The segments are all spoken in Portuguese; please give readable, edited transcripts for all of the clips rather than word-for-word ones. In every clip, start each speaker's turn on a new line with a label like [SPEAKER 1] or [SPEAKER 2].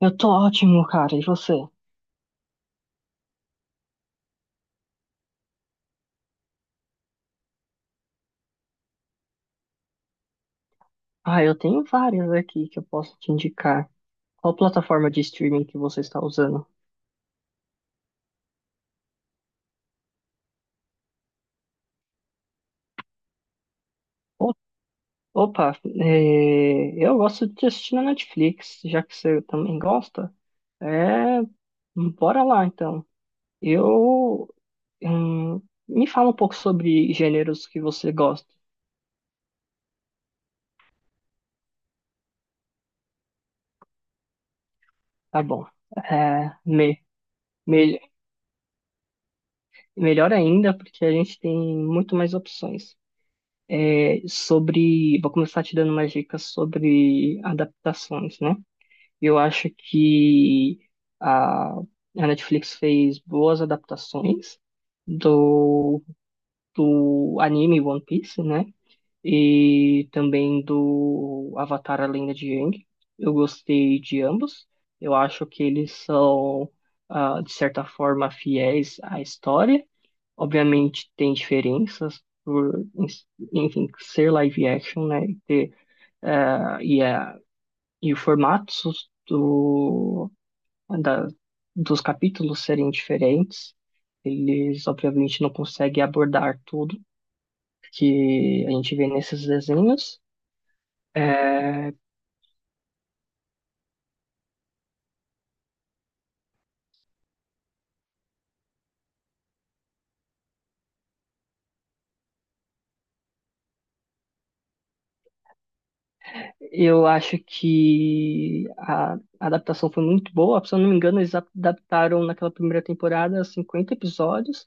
[SPEAKER 1] Eu tô ótimo, cara. E você? Ah, eu tenho várias aqui que eu posso te indicar. Qual plataforma de streaming que você está usando? O- Opa, eu gosto de assistir na Netflix, já que você também gosta. É, Bora lá então. Eu, hum, Me fala um pouco sobre gêneros que você gosta. Tá bom. É, me- me- Melhor ainda, porque a gente tem muito mais opções. É, sobre. Vou começar te dando umas dicas sobre adaptações, né? Eu acho que a Netflix fez boas adaptações do, do anime One Piece, né? E também do Avatar A Lenda de Aang. Eu gostei de ambos. Eu acho que eles são, de certa forma, fiéis à história. Obviamente tem diferenças enfim, ser live action, né? E, ter, eh, e, a o formato do, da, dos capítulos serem diferentes. Eles, obviamente, não conseguem abordar tudo que a gente vê nesses desenhos. Eh, eu acho que a adaptação foi muito boa. Se eu não me engano, eles adaptaram naquela primeira temporada 50 episódios.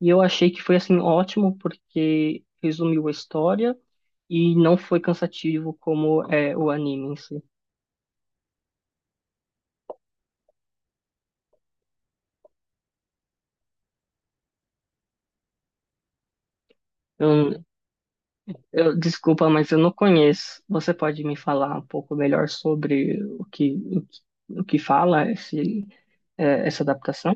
[SPEAKER 1] E eu achei que foi assim ótimo porque resumiu a história e não foi cansativo como é o anime em si. Eu, Desculpa, mas eu não conheço. Você pode me falar um pouco melhor sobre o que o, que- o que fala essa adaptação?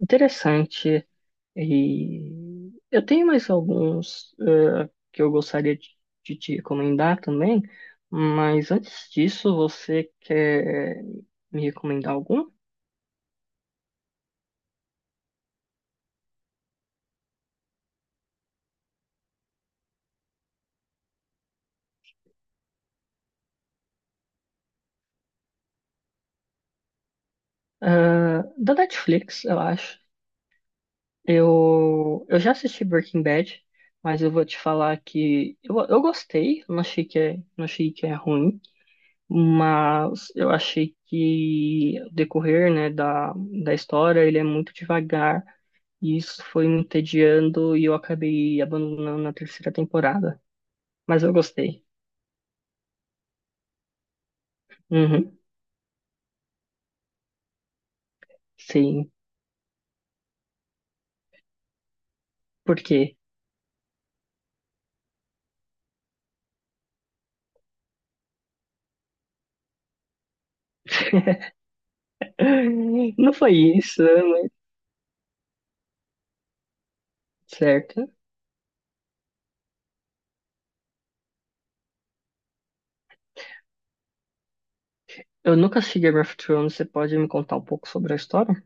[SPEAKER 1] Interessante. E eu tenho mais alguns que eu gostaria de te recomendar também, mas antes disso, você quer me recomendar algum? Ah, da Netflix, eu acho. Eu já assisti Breaking Bad, mas eu vou te falar que eu gostei, não achei que é ruim, mas eu achei que o decorrer, né, da história, ele é muito devagar, e isso foi me entediando e eu acabei abandonando na terceira temporada. Mas eu gostei. Uhum, sim. Por quê? Não foi isso, né? Certo. Eu nunca assisti Game of Thrones, você pode me contar um pouco sobre a história?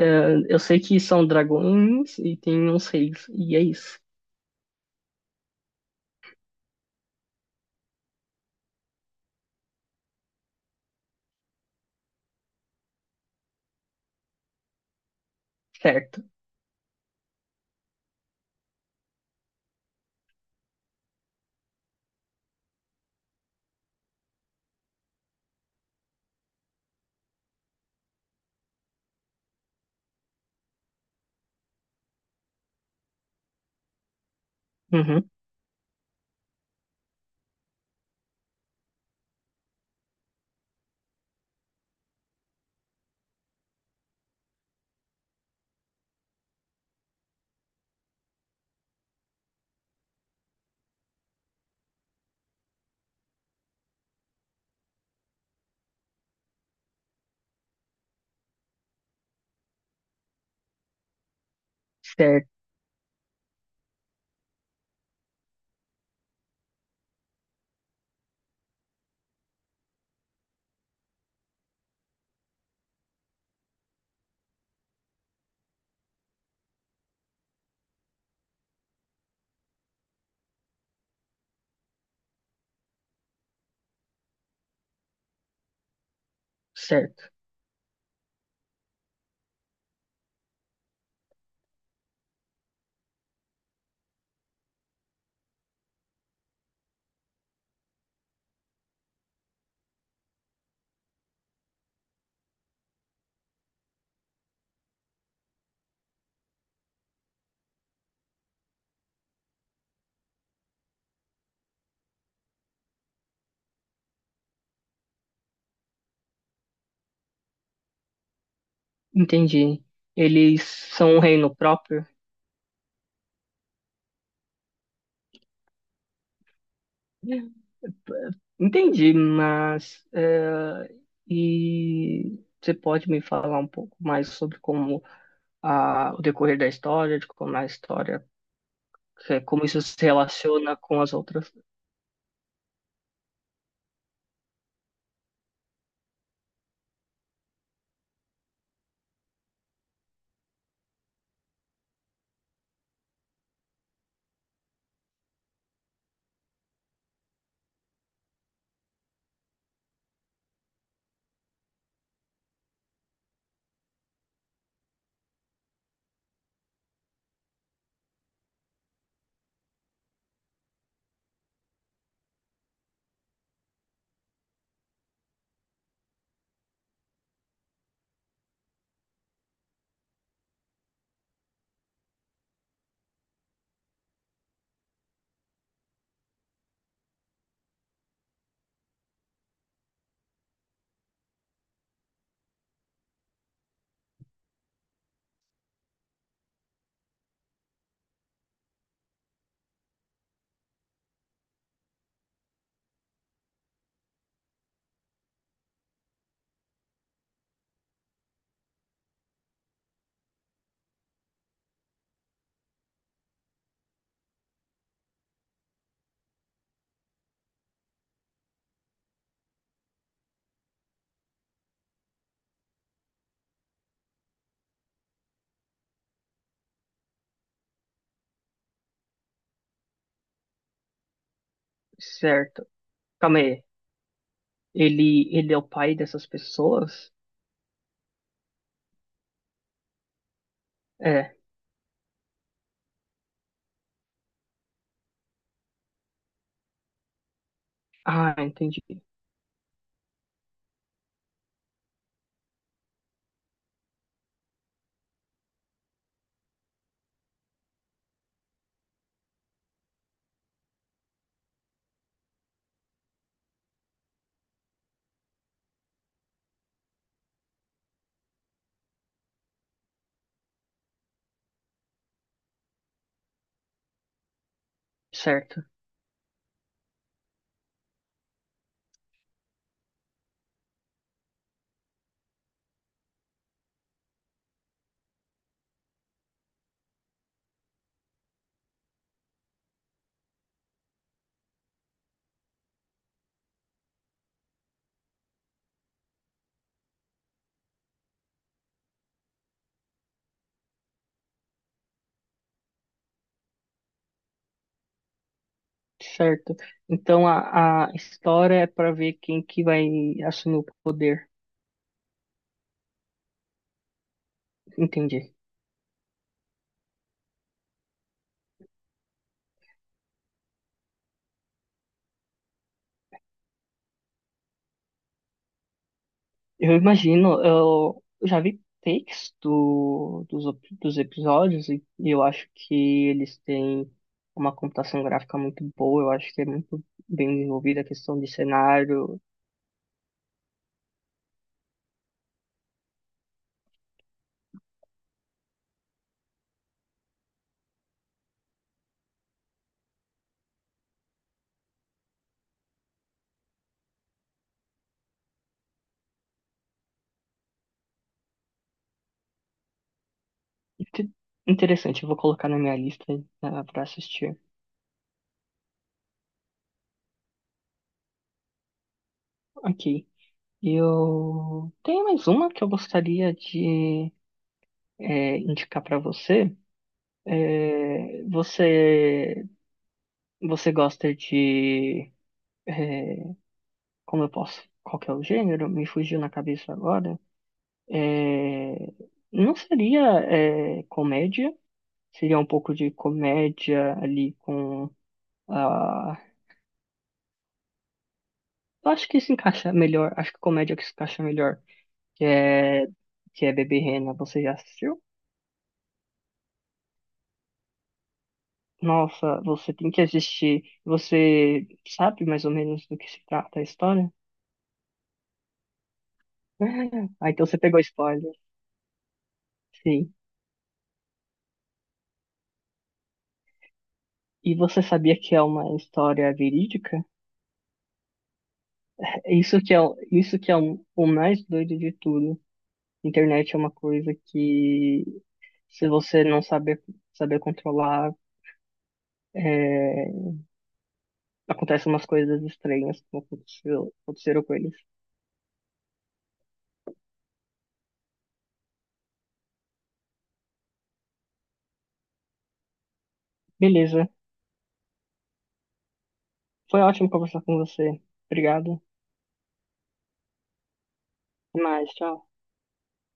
[SPEAKER 1] Eu sei que são dragões e tem uns reis, e é isso. Certo. Uhum. Certo, certo. Entendi. Eles são um reino próprio? Entendi, mas e você pode me falar um pouco mais sobre como o decorrer da história, de como a história, como isso se relaciona com as outras? Certo. Calma aí. Ele é o pai dessas pessoas? É. Ah, entendi. Certo, certo. Então a história é para ver quem que vai assumir o poder. Entendi. Eu imagino, eu já vi takes dos episódios e, eu acho que eles têm uma computação gráfica muito boa, eu acho que é muito bem desenvolvida a questão de cenário. Inte- Interessante, eu vou colocar na minha lista, para assistir. Ok. Eu tenho mais uma que eu gostaria de indicar para você. É, você você gosta de é, como eu posso? Qual que é o gênero? Me fugiu na cabeça agora. É, não seria comédia? Seria um pouco de comédia ali com a. Eu acho que se encaixa melhor. Acho que comédia que se encaixa melhor. Que é que é Bebê Rena. Você já assistiu? Nossa, você tem que assistir. Você sabe mais ou menos do que se trata a história? Ah, então você pegou spoiler. Sim. E você sabia que é uma história verídica? Isso que é o mais doido de tudo. Internet é uma coisa que, se você não saber controlar, é, acontecem umas coisas estranhas, aconteceram com eles. Beleza. Foi ótimo conversar com você. Obrigado. Até mais. Tchau.